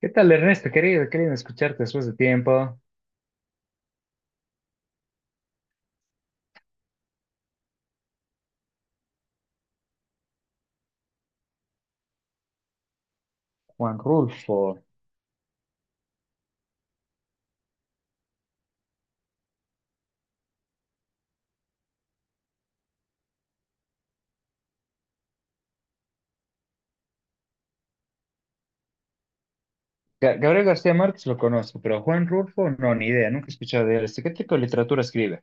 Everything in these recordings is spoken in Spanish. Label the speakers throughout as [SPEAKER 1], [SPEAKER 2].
[SPEAKER 1] ¿Qué tal, Ernesto? Querido escucharte después de tiempo. Juan Rulfo. Gabriel García Márquez lo conozco, pero Juan Rulfo no, ni idea, nunca he escuchado de él. Este, ¿qué tipo de literatura escribe?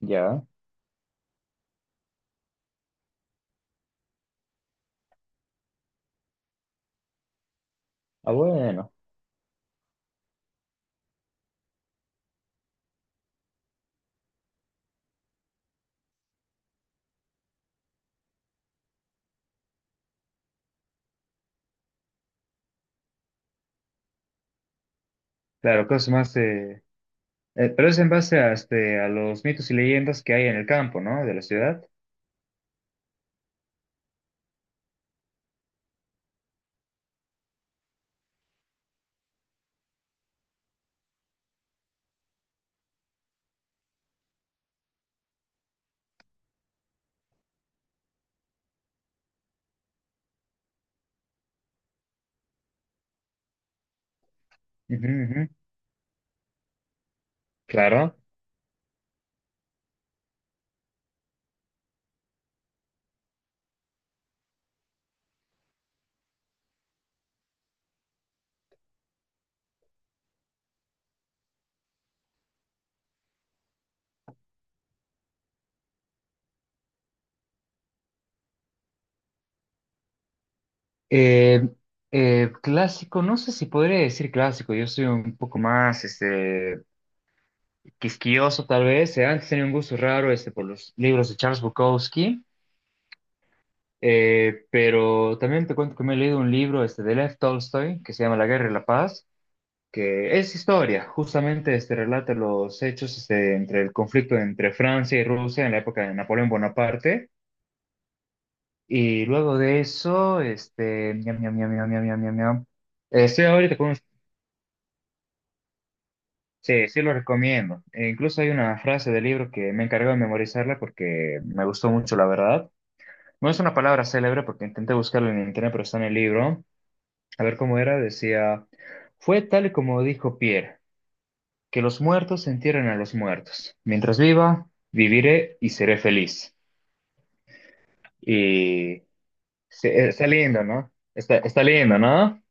[SPEAKER 1] Ya. Ah, bueno. Claro, cosas más pero es en base a, este, a los mitos y leyendas que hay en el campo, ¿no? De la ciudad. Ujú, ujú. Claro. Eh, clásico, no sé si podría decir clásico, yo soy un poco más este, quisquilloso tal vez. Antes tenía un gusto raro este, por los libros de Charles Bukowski. Pero también te cuento que me he leído un libro este, de Lev Tolstoy que se llama La Guerra y la Paz, que es historia, justamente este, relata los hechos este, entre el conflicto entre Francia y Rusia en la época de Napoleón Bonaparte. Y luego de eso, este, ñam, ñam, ñam, ñam, ñam, ñam, ñam, ñam. Estoy ahorita con un-. Sí, sí lo recomiendo. E incluso hay una frase del libro que me encargó de memorizarla porque me gustó mucho, la verdad. No es una palabra célebre porque intenté buscarla en internet, pero está en el libro. A ver cómo era, decía, fue tal y como dijo Pierre, que los muertos se entierren a los muertos. Mientras viva, viviré y seré feliz. Y está lindo, ¿no? Está, está lindo, ¿no?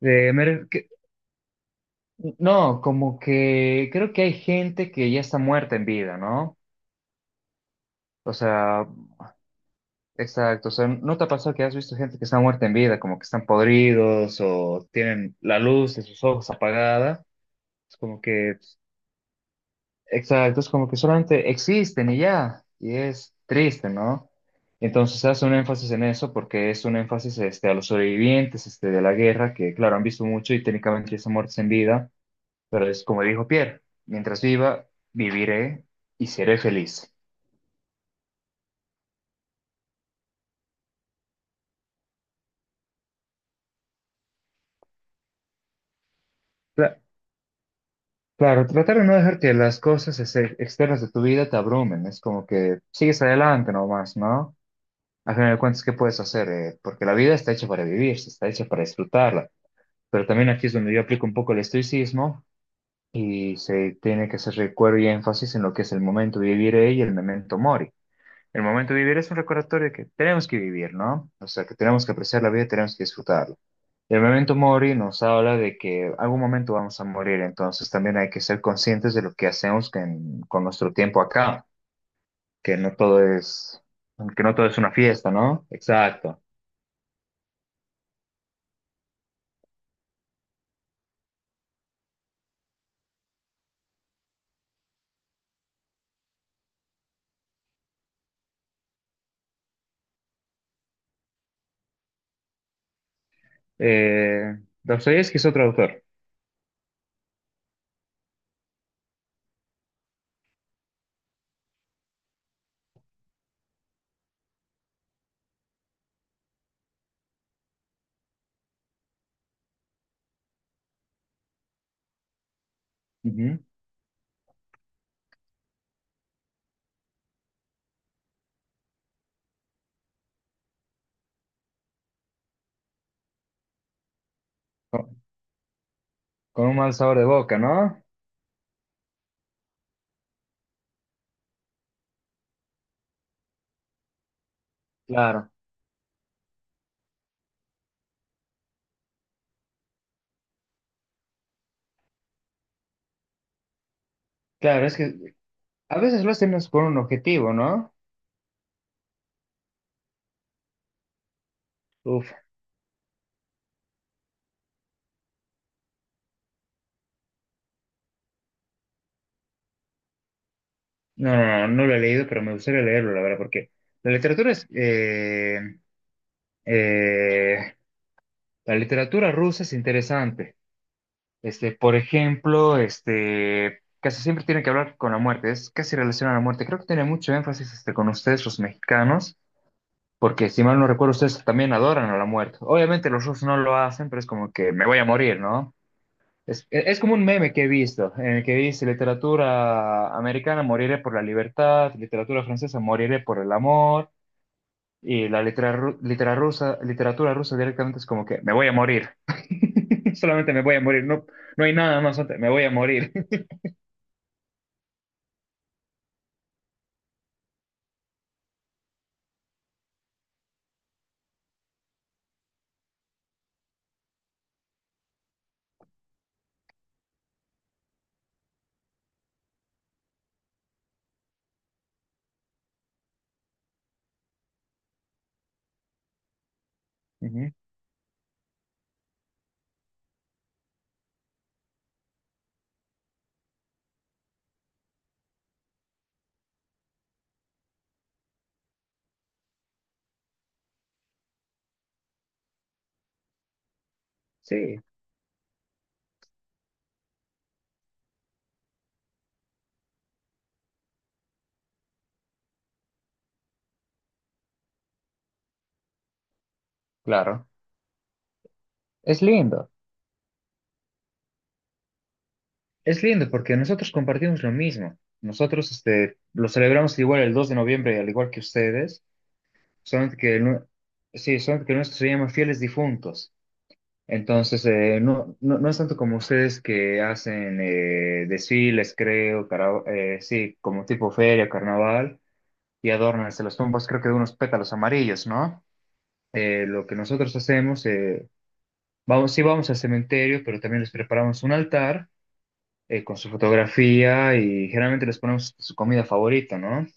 [SPEAKER 1] Eh, me- que- no, como que creo que hay gente que ya está muerta en vida, ¿no? O sea, exacto, o sea, ¿no te ha pasado que has visto gente que está muerta en vida, como que están podridos o tienen la luz de sus ojos apagada? Es como que exacto, es como que solamente existen y ya, y es triste, ¿no? Entonces hace un énfasis en eso porque es un énfasis este, a los sobrevivientes este, de la guerra, que claro, han visto mucho y técnicamente son muertos en vida, pero es como dijo Pierre, mientras viva, viviré y seré feliz. Cla- claro, tratar de no dejar que las cosas este, externas de tu vida te abrumen, es como que sigues adelante nomás, ¿no? Al final de cuentas, ¿qué puedes hacer? Porque la vida está hecha para vivir, está hecha para disfrutarla. Pero también aquí es donde yo aplico un poco el estoicismo y se tiene que hacer recuerdo y énfasis en lo que es el momento vivire y el memento mori. El momento vivir es un recordatorio de que tenemos que vivir, ¿no? O sea, que tenemos que apreciar la vida, tenemos que disfrutarla. Y el memento mori nos habla de que algún momento vamos a morir, entonces también hay que ser conscientes de lo que hacemos con nuestro tiempo acá, que no todo es, que no todo es una fiesta, ¿no? Exacto. Eh, Dostoyevsky es otro autor. Ujú. Con, con un mal sabor de boca, ¿no? Claro, claro, es que a veces lo hacemos con un objetivo, ¿no? Uf, no, no, no, no lo he leído, pero me gustaría leerlo, la verdad, porque la literatura es, eh, la literatura rusa es interesante. Este, por ejemplo, este, casi siempre tiene que hablar con la muerte, es casi relacionado a la muerte. Creo que tiene mucho énfasis, este, con ustedes, los mexicanos, porque si mal no recuerdo, ustedes también adoran a la muerte. Obviamente los rusos no lo hacen, pero es como que me voy a morir, ¿no? Es, es como un meme que he visto, en el que dice literatura americana moriré por la libertad, literatura francesa moriré por el amor, y la litera- ru- litera rusa, literatura rusa directamente es como que me voy a morir. Solamente me voy a morir, no, no hay nada más, antes, me voy a morir. Ujú. Sí, claro. Es lindo. Es lindo porque nosotros compartimos lo mismo. Nosotros este, lo celebramos igual el 2 de noviembre, al igual que ustedes, solamente que, sí, solamente que el nuestro se llama Fieles Difuntos. Entonces, no, no, no es tanto como ustedes que hacen desfiles, creo, sí, como tipo feria, carnaval, y adornan hasta las tumbas, creo que de unos pétalos amarillos, ¿no? Lo que nosotros hacemos, vamos, sí vamos al cementerio, pero también les preparamos un altar con su fotografía y generalmente les ponemos su comida favorita, ¿no?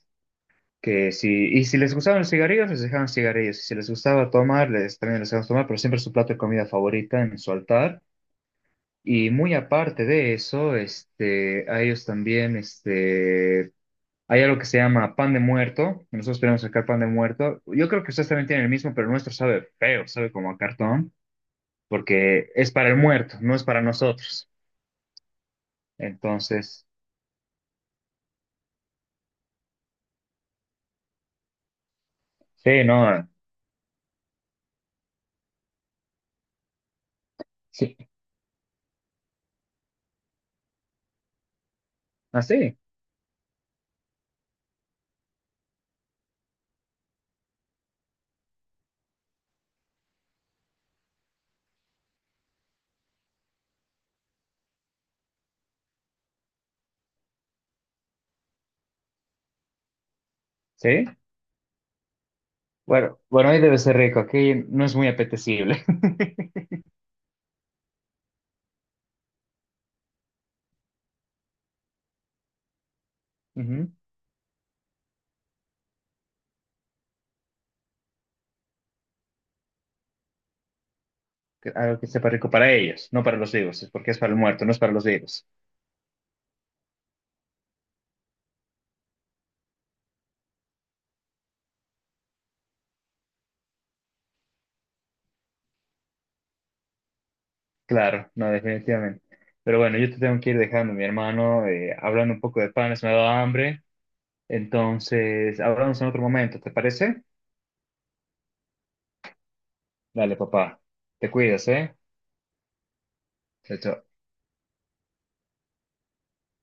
[SPEAKER 1] Que si, y si les gustaban los cigarrillos, les dejaban cigarrillos, y si les gustaba tomar, les, también les dejaban tomar, pero siempre su plato de comida favorita en su altar. Y muy aparte de eso, este, a ellos también, este, hay algo que se llama pan de muerto. Nosotros tenemos acá pan de muerto. Yo creo que ustedes también tienen el mismo, pero el nuestro sabe feo, sabe como a cartón, porque es para el muerto, no es para nosotros. Entonces, sí, no, sí, así, sí. Sí. Bueno, bueno, ahí debe ser rico, aquí no es muy apetecible. Ujú. Que- algo que sepa rico para ellos, no para los vivos, es porque es para el muerto, no es para los vivos. Claro, no, definitivamente. Pero bueno, yo te tengo que ir dejando, mi hermano, hablando un poco de panes, me ha dado hambre. Entonces, hablamos en otro momento, ¿te parece? Dale, papá. Te cuidas, ¿eh? Chao, chao.